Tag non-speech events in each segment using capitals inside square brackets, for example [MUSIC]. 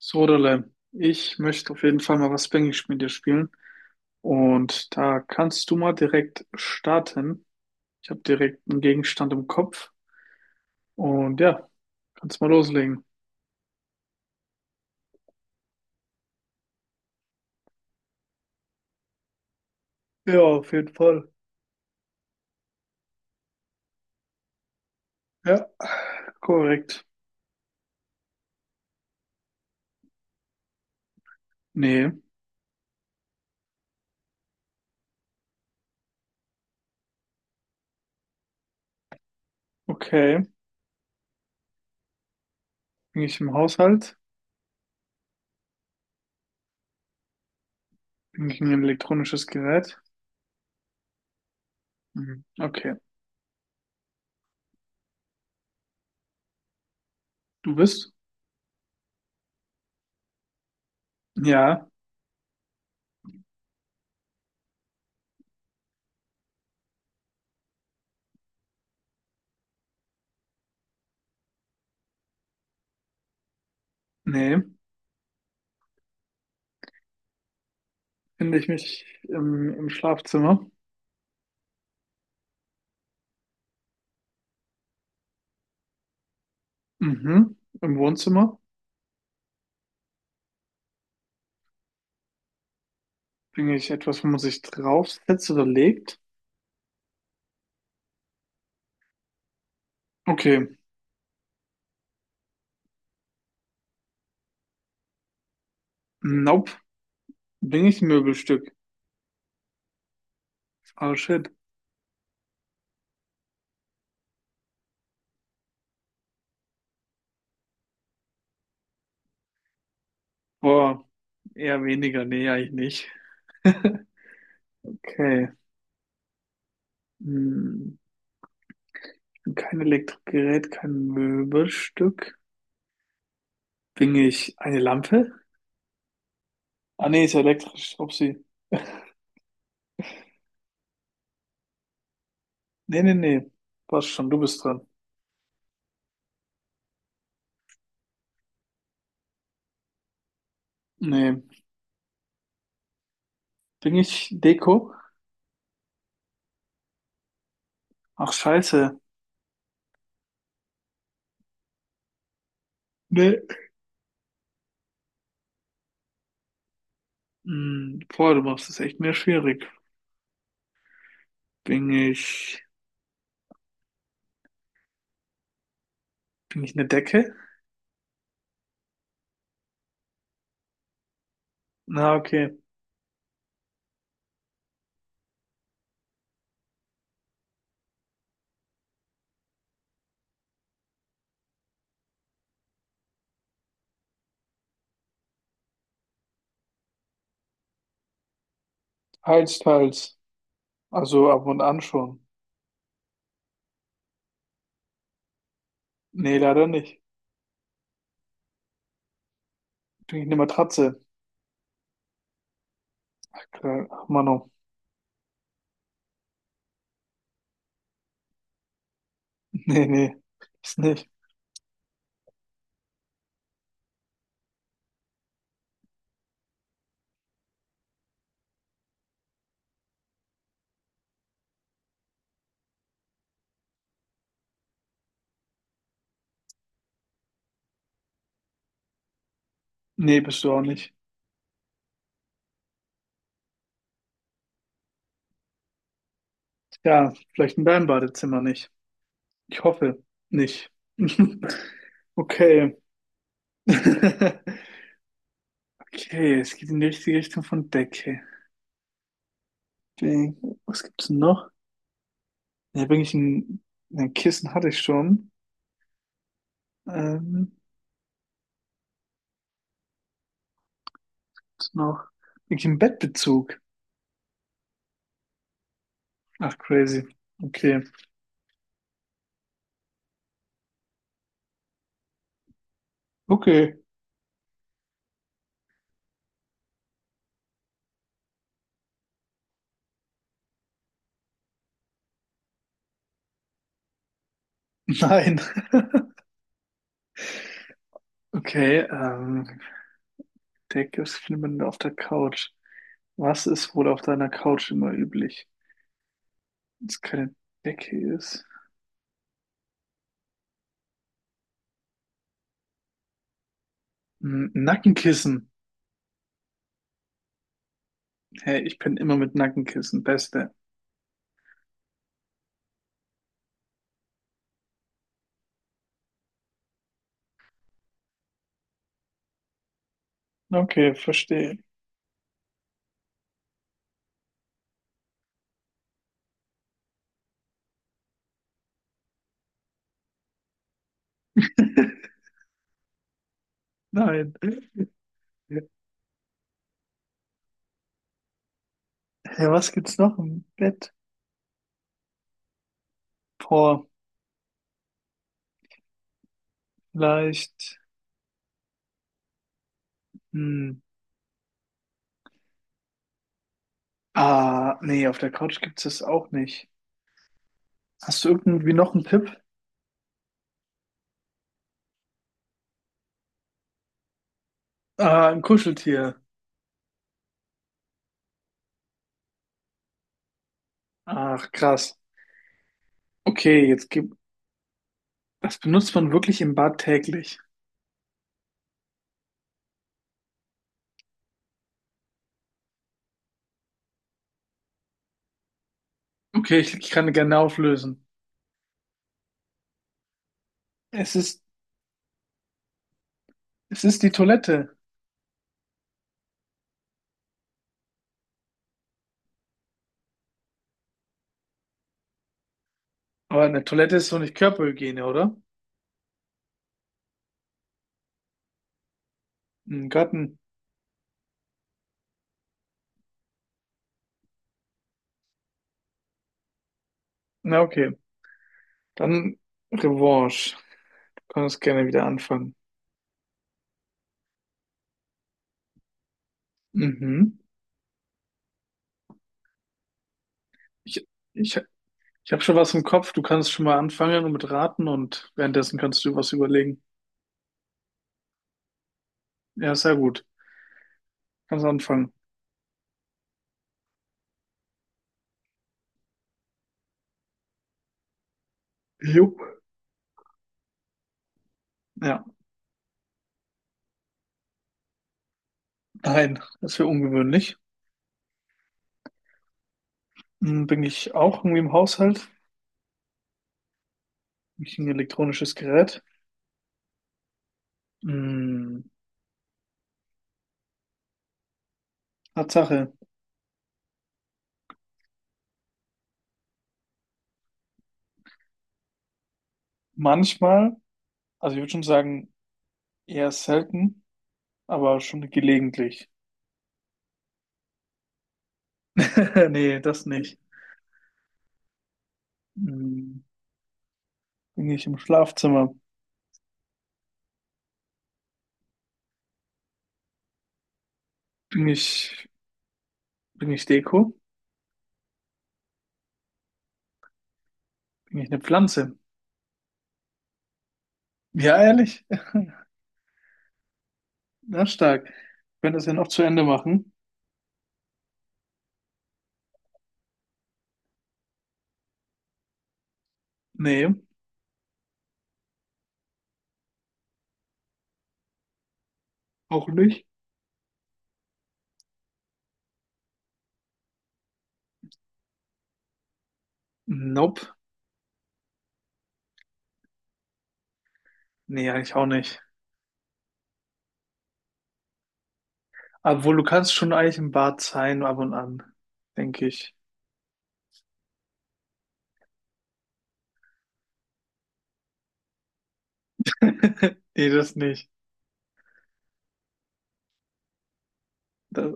Sodalem, ich möchte auf jeden Fall mal was Spanglish mit dir spielen. Und da kannst du mal direkt starten. Ich habe direkt einen Gegenstand im Kopf. Und ja, kannst mal loslegen. Ja, auf jeden Fall. Ja, korrekt. Nee, okay. Bin ich im Haushalt? Bin ich ein elektronisches Gerät? Mhm. Okay. Du bist? Ja, nee. Finde ich mich im Schlafzimmer? Mhm. Im Wohnzimmer? Bin ich etwas, wo man sich draufsetzt oder legt? Okay. Nope. Bin ich ein Möbelstück? Oh shit. Boah. Eher weniger. Nee, eigentlich nicht. Okay. Hm. Kein Elektrogerät, kein Möbelstück. Bin ich eine Lampe? Ah nee, ist ja elektrisch. Upsi. Nee, nee, nee. Passt schon, du bist dran. Nee. Bin ich Deko? Ach scheiße. Nee. Hm. Boah, du machst es echt mir schwierig. Bin ich. Bin ich eine Decke? Na, okay. Teils, teils. Also ab und an schon. Nee, leider nicht. Krieg ich eine Matratze. Klar, ach, Mano. [LAUGHS] Nee, nee. Ist nicht. Nee, bist du auch nicht. Ja, vielleicht in deinem Badezimmer nicht. Ich hoffe nicht. [LAUGHS] Okay. [LAUGHS] Okay, es geht in die richtige Richtung von Decke. Ding. Was gibt's denn noch? Ja, bin ich ein Kissen hatte ich schon. Ähm, was noch? Bin ich ein Bettbezug? Ach, crazy. Okay. Okay. [LAUGHS] Nein. [LAUGHS] Okay, Deckgips findet man auf der Couch. Was ist wohl auf deiner Couch immer üblich? Wenn es keine Decke ist. Hm, Nackenkissen. Hey, ich bin immer mit Nackenkissen. Beste. Okay, verstehe. [LAUGHS] Nein. Hey, was gibt's noch im Bett? Boah, vielleicht. Hm. Ah, nee, auf der Couch gibt's das auch nicht. Hast du irgendwie noch einen Tipp? Ah, ein Kuscheltier. Ach, krass. Okay, jetzt gibt. Das benutzt man wirklich im Bad täglich. Okay, ich kann gerne auflösen. Es ist, es ist die Toilette. Aber eine Toilette ist doch nicht Körperhygiene, oder? Im Garten. Na, okay. Dann Revanche. Du kannst gerne wieder anfangen. Mhm. Ich, ich, ich habe schon was im Kopf. Du kannst schon mal anfangen und mit raten und währenddessen kannst du was überlegen. Ja, sehr gut. Kannst anfangen. Jupp. Ja, nein, das wäre ungewöhnlich. Hm, bin ich auch irgendwie im Haushalt? Bin ich ein elektronisches Gerät? Hm, Tatsache. Manchmal, also ich würde schon sagen, eher selten, aber schon gelegentlich. [LAUGHS] Nee, das nicht. Hm, bin ich im Schlafzimmer? Bin ich, bin ich Deko? Bin ich eine Pflanze? Ja, ehrlich? [LAUGHS] Na, stark. Ich könnte das ja noch zu Ende machen. Nee, auch nicht. Nope. Nee, eigentlich auch nicht. Obwohl, du kannst schon eigentlich im Bad sein, ab und an, denke ich. [LAUGHS] Nee, das nicht. Das,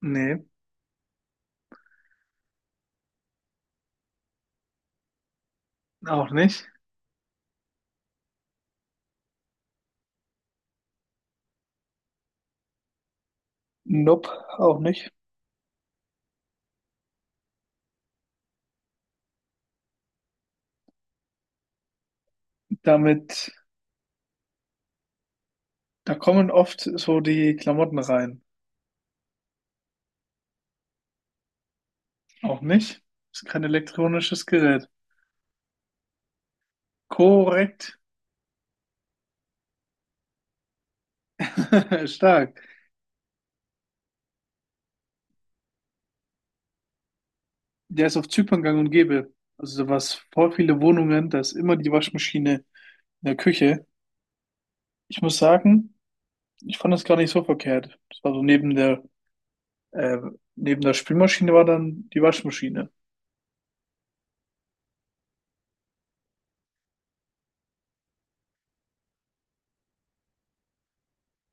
nee, auch nicht. Nope, auch nicht. Damit. Da kommen oft so die Klamotten rein. Auch nicht? Ist kein elektronisches Gerät. Korrekt. [LAUGHS] Stark. Der ist auf Zypern gang und gäbe. Also da war's voll viele Wohnungen, da ist immer die Waschmaschine in der Küche. Ich muss sagen, ich fand das gar nicht so verkehrt. Das war so äh, neben der Spülmaschine war dann die Waschmaschine.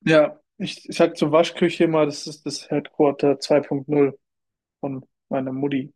Ja, ich sag zur Waschküche immer, das ist das Headquarter 2.0 von meiner Mutti.